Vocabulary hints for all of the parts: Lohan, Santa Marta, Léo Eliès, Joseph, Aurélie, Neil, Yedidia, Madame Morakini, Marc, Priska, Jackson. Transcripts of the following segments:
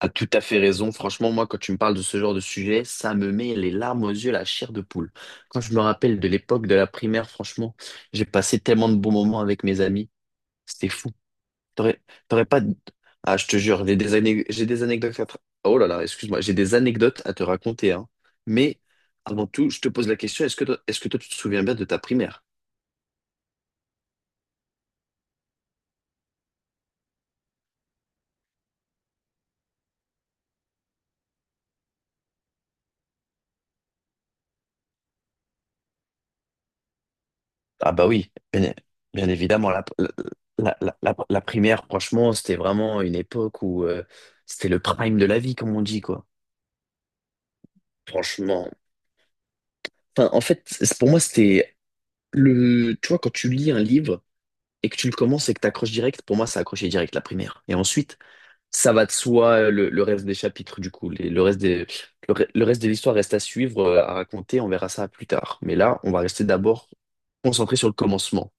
As tout à fait raison. Franchement, moi, quand tu me parles de ce genre de sujet, ça me met les larmes aux yeux, la chair de poule. Quand je me rappelle de l'époque de la primaire, franchement, j'ai passé tellement de bons moments avec mes amis. C'était fou. T'aurais, t'aurais pas... Ah, je te jure, j'ai des anecdotes Oh là là, excuse-moi, j'ai des anecdotes à te raconter, hein. Mais avant tout, je te pose la question, est-ce que toi, tu te souviens bien de ta primaire? Ah bah oui, bien, bien évidemment, la primaire, franchement, c'était vraiment une époque où c'était le prime de la vie, comme on dit, quoi. Franchement. Enfin, en fait, pour moi, c'était le... Tu vois, quand tu lis un livre et que tu le commences et que tu accroches direct, pour moi, ça accroché direct, la primaire. Et ensuite, ça va de soi, le reste des chapitres, du coup. Le reste des, le reste de l'histoire reste à suivre, à raconter, on verra ça plus tard. Mais là, on va rester d'abord concentré sur le commencement.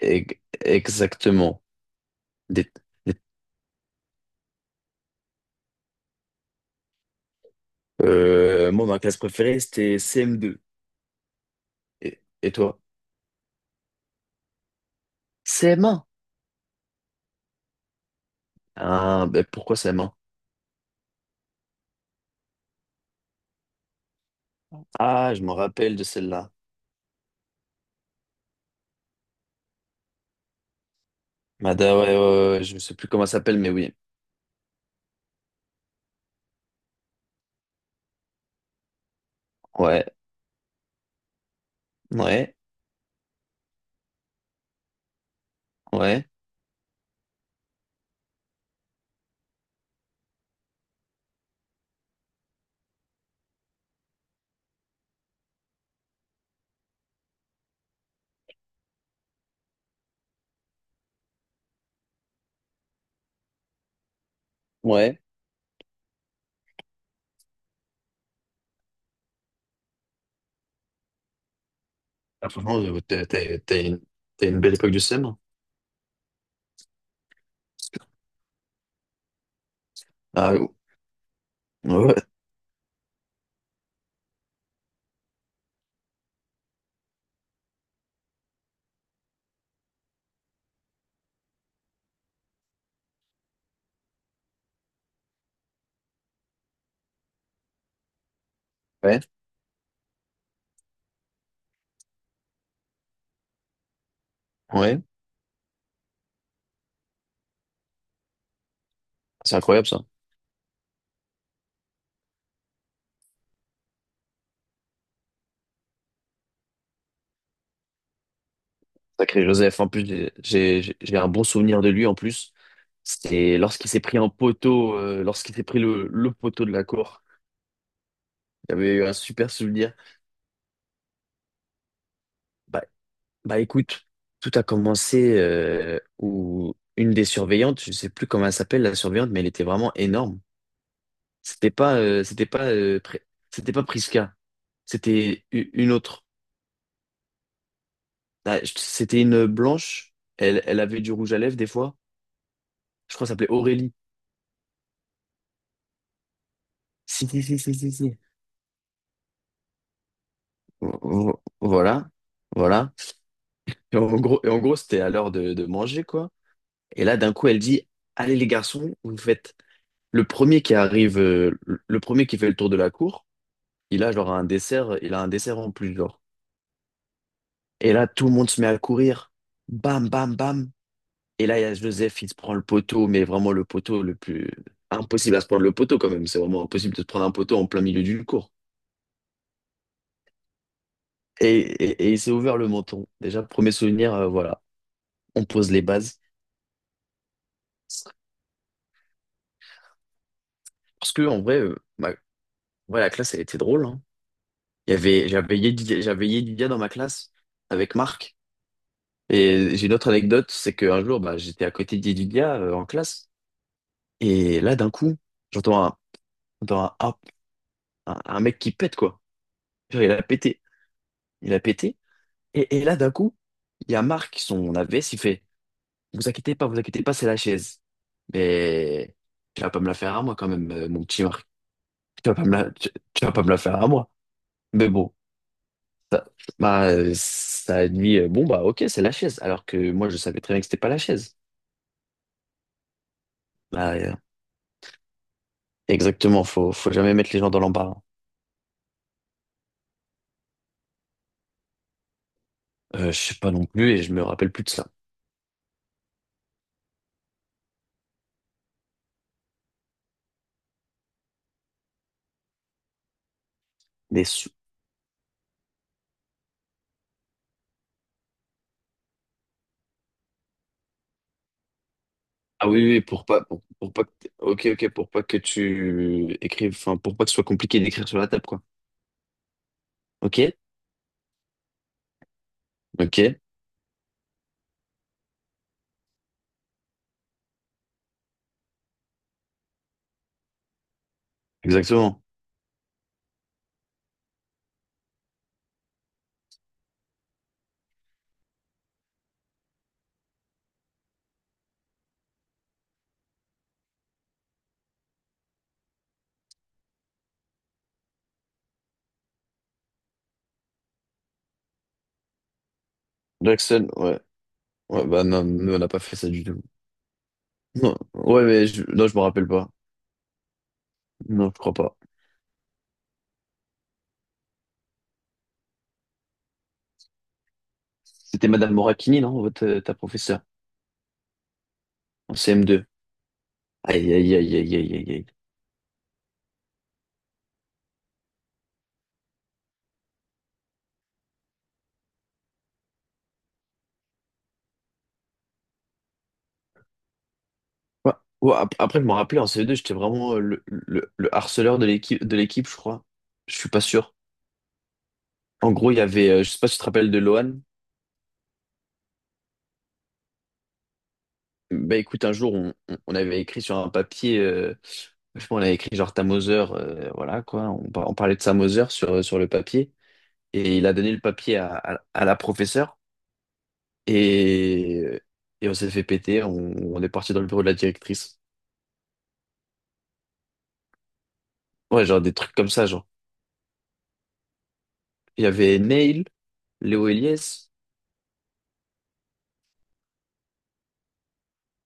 E- Exactement. Des- Moi, ma classe préférée, c'était CM2. Et toi? CM1? Ah, ben pourquoi CM1? Ah, je me rappelle de celle-là. Mada, ouais, je ne sais plus comment elle s'appelle, mais oui. Ouais, ouais, ouais, ouais. Ah, franchement, t'as une belle époque du CM1. Ah, ouais, ouais. C'est incroyable, ça. Sacré Joseph, en plus, j'ai un bon souvenir de lui, en plus. C'était lorsqu'il s'est pris un poteau, lorsqu'il s'est pris le poteau de la cour. J'avais eu un super souvenir. Bah, bah écoute, tout a commencé où une des surveillantes, je sais plus comment elle s'appelle la surveillante, mais elle était vraiment énorme. C'était pas, euh, c'était pas, euh, Pri- c'était pas Priska, c'était une autre. Ah, C'était une blanche. Elle avait du rouge à lèvres des fois. Je crois que ça s'appelait Aurélie. Si. Voilà, voilà. Et en gros, c'était à l'heure de manger quoi. Et là, d'un coup, elle dit, allez les garçons, vous faites Le premier qui arrive, euh, le premier qui fait le tour de la cour, il a un dessert en plus, genre. Et là, tout le monde se met à courir. Bam, bam, bam. Et là, il y a Joseph, il se prend le poteau, mais vraiment le poteau le plus... Impossible à se prendre le poteau quand même. C'est vraiment impossible de se prendre un poteau en plein milieu d'une cour. Et il s'est ouvert le menton. Déjà, premier souvenir, voilà. On pose les bases. Parce que, en vrai, ouais, la classe, elle était drôle, hein. J'avais Yedidia dans ma classe avec Marc. Et j'ai une autre anecdote, c'est qu'un jour, bah, j'étais à côté d'Edunia en classe, et là, d'un coup, j'entends un, j'entends un, hop, un mec qui pète, quoi. Genre, il a pété, et là, d'un coup, il y a Marc, son AVS, il fait, vous inquiétez pas, c'est la chaise. Mais tu vas pas me la faire à moi quand même, mon petit Marc. Tu vas pas me la, tu, tu vas pas me la faire à moi. Mais bon, ça, ça a dit, bon, bah ok, c'est la chaise, alors que moi, je savais très bien que c'était pas la chaise. Bah, euh, Exactement, faut jamais mettre les gens dans l'embarras. Je sais pas non plus et je me rappelle plus de ça. Mais sou- ah oui, oui, pour pas que, ok, ok, pour pas que tu écrives, enfin, pour pas que ce soit compliqué d'écrire sur la table, quoi. Ok, ok, exactement. Jackson, ouais, ouais, bah non, nous on n'a pas fait ça du tout. Non, ouais, non, je me rappelle pas. Non, je crois pas. C'était Madame Morakini, non, votre, ta professeure, en CM2. Aïe, aïe, aïe, aïe, aïe, aïe. Aïe. Ouais. Ouais, après, je me rappelais en CE2, j'étais vraiment le harceleur de l'équipe, je crois. Je suis pas sûr. En gros, je sais pas si tu te rappelles de Lohan. Bah écoute, un jour, on avait écrit sur un papier, je pense, on avait écrit genre ta voilà quoi. On parlait de sa sur, sur le papier. Et il a donné le papier à la professeure. Et, et on s'est fait péter. On est parti dans le bureau de la directrice. Ouais, genre des trucs comme ça, genre. Il y avait Neil, Léo Eliès,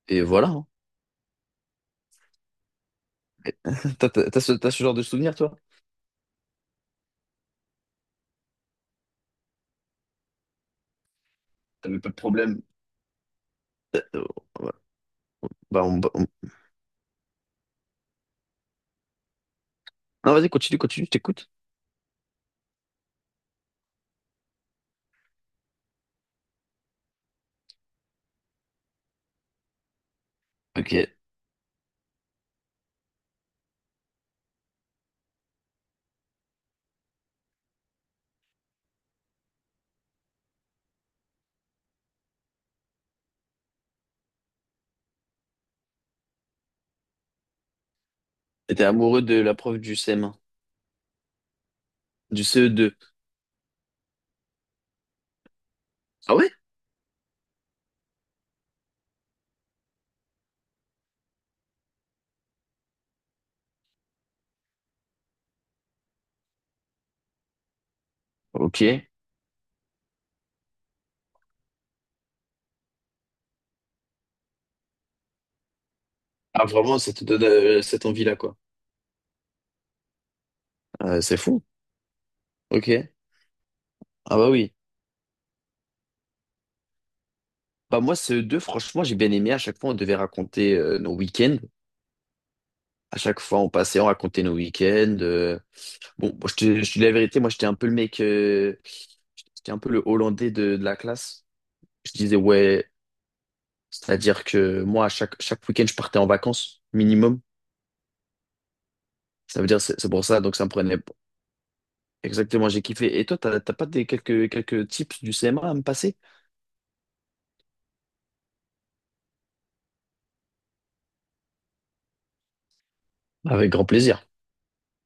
et voilà. hein. Toi, t'as ce genre de souvenir, toi? T'avais pas de problème? Euh, ouais. Bah, on- bah, on- Non, vas-y, continue, je t'écoute. Ok. Et T'es amoureux de la prof du CM1, du CE2. Ah ouais? Ok. Ah, vraiment, ça te donne cette envie-là, quoi. C'est fou. Ok. Ah bah oui. Bah moi, CE2, franchement, j'ai bien aimé. À chaque fois, on devait raconter nos week-ends. À chaque fois, on passait, on racontait nos week-ends. Bon, moi, je te dis la vérité, moi, J'étais un peu le Hollandais de la classe. Je disais, ouais, C'est-à-dire que moi, chaque week-end, je partais en vacances, minimum. Ça veut dire, c'est pour ça, donc ça me prenait exactement, j'ai kiffé. Et toi, t'as t'as pas des quelques, quelques tips du CMA à me passer? Avec grand plaisir.